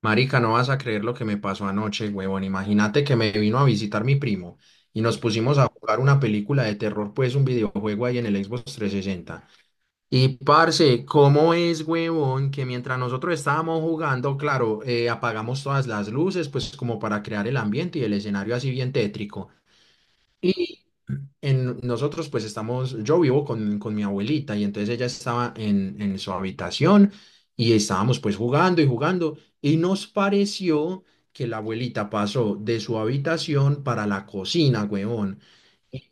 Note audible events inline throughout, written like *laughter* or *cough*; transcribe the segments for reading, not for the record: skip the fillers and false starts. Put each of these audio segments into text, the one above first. Marica, no vas a creer lo que me pasó anoche, huevón. Imagínate que me vino a visitar mi primo y nos pusimos a jugar una película de terror, pues un videojuego ahí en el Xbox 360. Y parce, ¿cómo es, huevón, que mientras nosotros estábamos jugando, claro, apagamos todas las luces, pues como para crear el ambiente y el escenario así bien tétrico en nosotros pues estamos, yo vivo con mi abuelita y entonces ella estaba en su habitación y estábamos pues jugando y jugando y nos pareció que la abuelita pasó de su habitación para la cocina, huevón,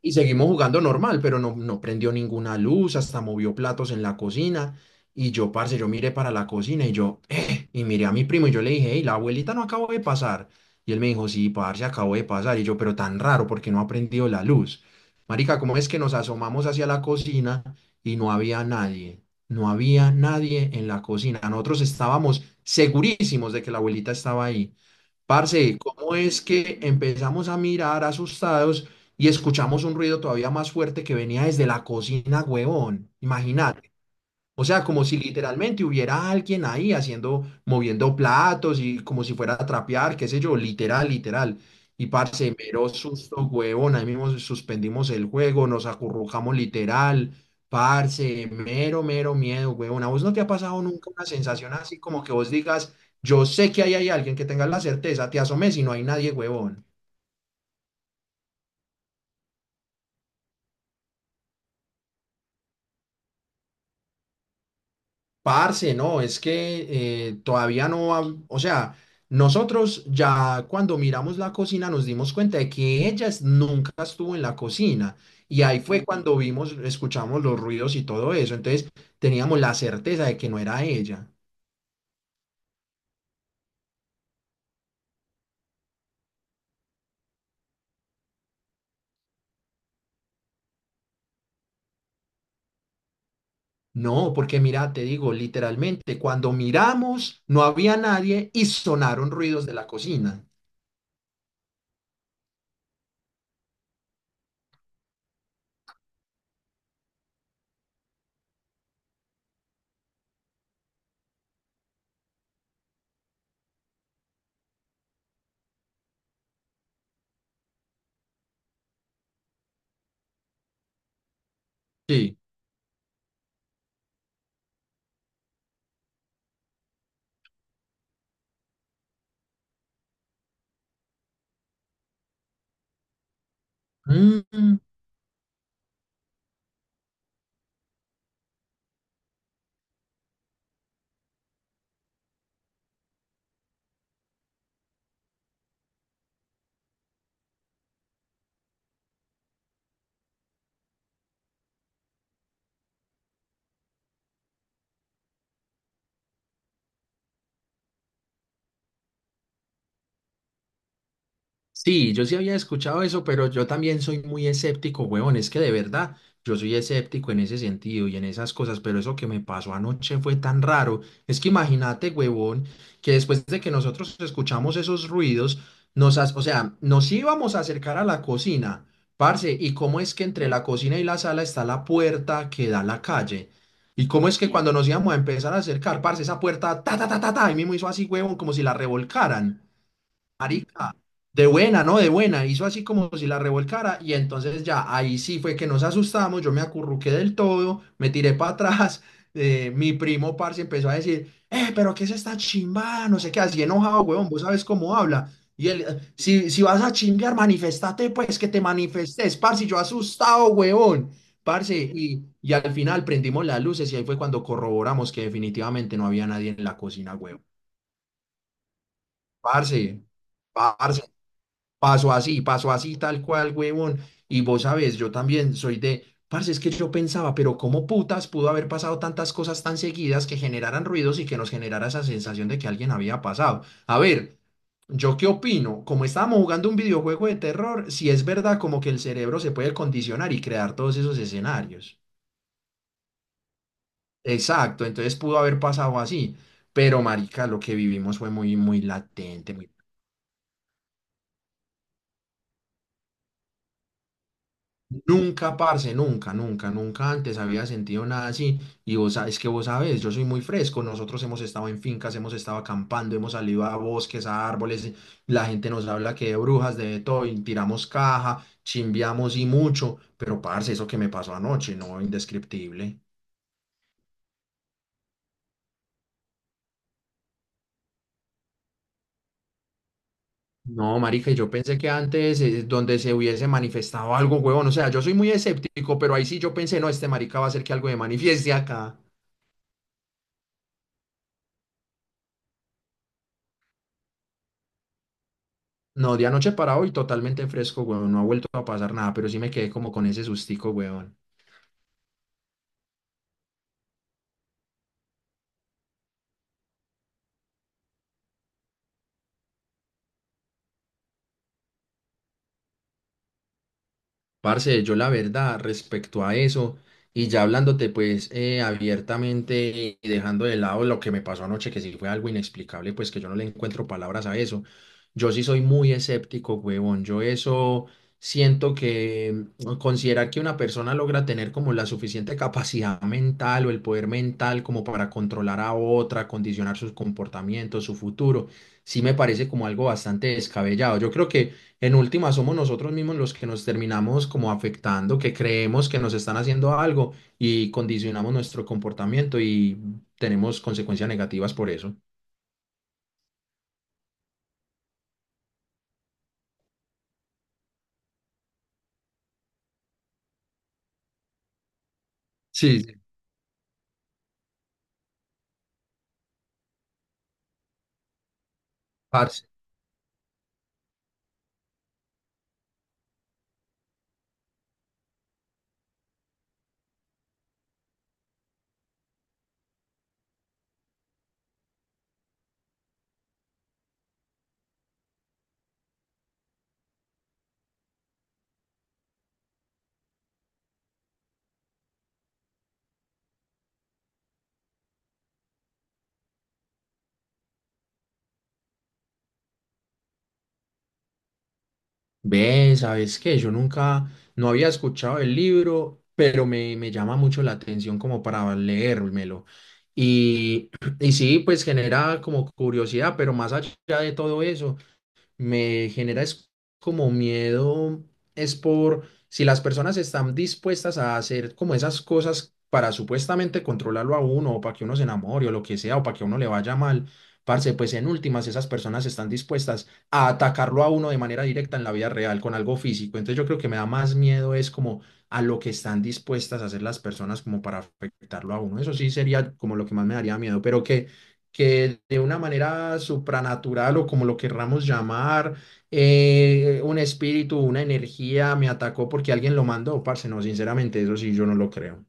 y seguimos jugando normal, pero no prendió ninguna luz, hasta movió platos en la cocina. Y yo, parce, yo miré para la cocina y yo, y miré a mi primo y yo le dije, hey, la abuelita no acabó de pasar. Y él me dijo, sí, parce, acabó de pasar. Y yo, pero tan raro, porque no ha prendido la luz. Marica, ¿cómo es que nos asomamos hacia la cocina y no había nadie? No había nadie en la cocina. Nosotros estábamos segurísimos de que la abuelita estaba ahí. Parce, ¿cómo es que empezamos a mirar asustados y escuchamos un ruido todavía más fuerte que venía desde la cocina, huevón? Imagínate. O sea, como si literalmente hubiera alguien ahí haciendo, moviendo platos y como si fuera a trapear, qué sé yo, literal, literal. Y parce, mero susto, huevón, ahí mismo suspendimos el juego, nos acurrucamos literal, parce, mero, mero miedo, huevón. ¿A vos no te ha pasado nunca una sensación así como que vos digas, yo sé que ahí hay alguien que tenga la certeza, te asomes y no hay nadie, huevón? Parce, no, es que todavía no, o sea, nosotros ya cuando miramos la cocina nos dimos cuenta de que nunca estuvo en la cocina y ahí fue cuando vimos, escuchamos los ruidos y todo eso, entonces teníamos la certeza de que no era ella. No, porque mira, te digo, literalmente, cuando miramos no había nadie y sonaron ruidos de la cocina. Sí. Mm. Sí, yo sí había escuchado eso, pero yo también soy muy escéptico, huevón. Es que de verdad, yo soy escéptico en ese sentido y en esas cosas, pero eso que me pasó anoche fue tan raro. Es que imagínate, huevón, que después de que nosotros escuchamos esos ruidos, o sea, nos íbamos a acercar a la cocina, parce, y cómo es que entre la cocina y la sala está la puerta que da a la calle. Y cómo es que cuando nos íbamos a empezar a acercar, parce, esa puerta, ta, ta, ta, ta, ta, ahí mismo hizo así, huevón, como si la revolcaran. Marica, de buena, ¿no? De buena. Hizo así como si la revolcara y entonces ya ahí sí fue que nos asustamos, yo me acurruqué del todo, me tiré para atrás, *laughs* mi primo parce empezó a decir, pero ¿qué es esta chimbada? No sé qué, así enojado, huevón, vos sabes cómo habla. Y él, si vas a chingar, manifestate, pues que te manifestes, parce, yo asustado, huevón, parce. Y al final prendimos las luces y ahí fue cuando corroboramos que definitivamente no había nadie en la cocina, huevón. Parce. Parce, pasó así, pasó así, tal cual, huevón. Y vos sabés, yo también soy de, parce, es que yo pensaba, pero ¿cómo putas pudo haber pasado tantas cosas tan seguidas que generaran ruidos y que nos generara esa sensación de que alguien había pasado? A ver, ¿yo qué opino? Como estábamos jugando un videojuego de terror, si es verdad como que el cerebro se puede condicionar y crear todos esos escenarios. Exacto, entonces pudo haber pasado así. Pero, marica, lo que vivimos fue muy, muy latente, muy... Nunca, parce, nunca, nunca, nunca antes había sentido nada así. Y vos, es que vos sabés, yo soy muy fresco. Nosotros hemos estado en fincas, hemos estado acampando, hemos salido a bosques, a árboles. La gente nos habla que de brujas, de todo, y tiramos caja, chimbiamos y mucho. Pero, parce, eso que me pasó anoche, no, indescriptible. No, marica, y yo pensé que antes, donde se hubiese manifestado algo, huevón. O sea, yo soy muy escéptico, pero ahí sí yo pensé, no, este marica va a hacer que algo me manifieste acá. No, de anoche para hoy totalmente fresco, weón. No ha vuelto a pasar nada, pero sí me quedé como con ese sustico, weón. Parce, yo la verdad respecto a eso, y ya hablándote pues abiertamente y dejando de lado lo que me pasó anoche, que sí fue algo inexplicable, pues que yo no le encuentro palabras a eso. Yo sí soy muy escéptico, huevón. Yo eso siento que considerar que una persona logra tener como la suficiente capacidad *laughs* mental o el poder mental como para controlar a otra, condicionar sus comportamientos, su futuro, sí me parece como algo bastante descabellado. Yo creo que... En última, somos nosotros mismos los que nos terminamos como afectando, que creemos que nos están haciendo algo y condicionamos nuestro comportamiento y tenemos consecuencias negativas por eso. Sí, sí. Parce, ve, ¿sabes qué? Yo nunca, no había escuchado el libro, pero me llama mucho la atención como para leérmelo. Y *clears throat* y sí, pues genera como curiosidad, pero más allá de todo eso, me genera es como miedo, es por si las personas están dispuestas a hacer como esas cosas para supuestamente controlarlo a uno o para que uno se enamore o lo que sea o para que a uno le vaya mal, parce, pues en últimas esas personas están dispuestas a atacarlo a uno de manera directa en la vida real con algo físico. Entonces yo creo que me da más miedo es como a lo que están dispuestas a hacer las personas como para afectarlo a uno. Eso sí sería como lo que más me daría miedo, pero que de una manera supranatural o como lo querramos llamar, un espíritu, una energía me atacó porque alguien lo mandó, parce, no, sinceramente, eso sí, yo no lo creo.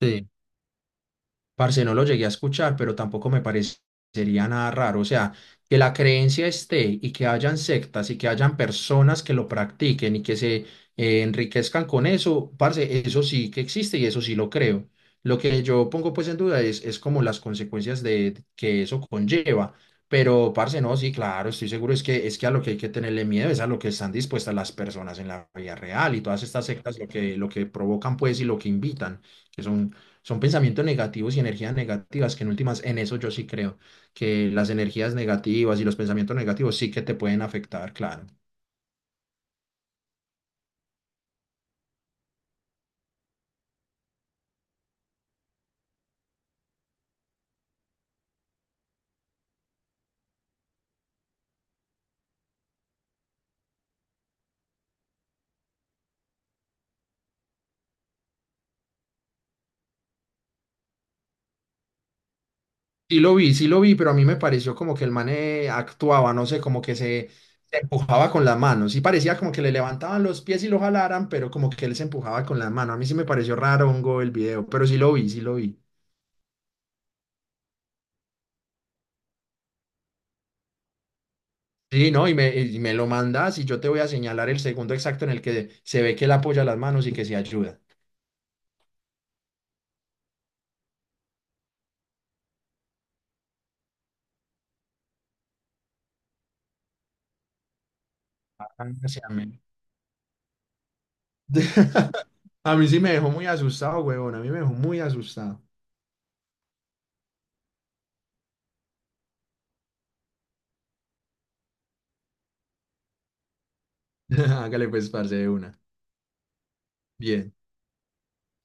Sí. Parce, no lo llegué a escuchar, pero tampoco me parecería nada raro. O sea, que la creencia esté y que hayan sectas y que hayan personas que lo practiquen y que se enriquezcan con eso, parce, eso sí que existe y eso sí lo creo. Lo que yo pongo pues en duda es como las consecuencias de que eso conlleva. Pero, parce, no, sí, claro, estoy seguro es que a lo que hay que tenerle miedo es a lo que están dispuestas las personas en la vida real y todas estas sectas lo que provocan pues y lo que invitan, que son pensamientos negativos y energías negativas, que en últimas, en eso yo sí creo, que las energías negativas y los pensamientos negativos sí que te pueden afectar, claro. Sí lo vi, pero a mí me pareció como que el mane actuaba, no sé, se empujaba con las manos. Sí parecía como que le levantaban los pies y lo jalaran, pero como que él se empujaba con las manos. A mí sí me pareció raro hongo el video, pero sí lo vi, sí lo vi. Sí, no, y me lo mandas y yo te voy a señalar el segundo exacto en el que se ve que él apoya las manos y que se ayuda. Ah, sí, amén. *laughs* A mí sí me dejó muy asustado, huevón. A mí me dejó muy asustado. *laughs* Hágale pues, parce, de una. Bien.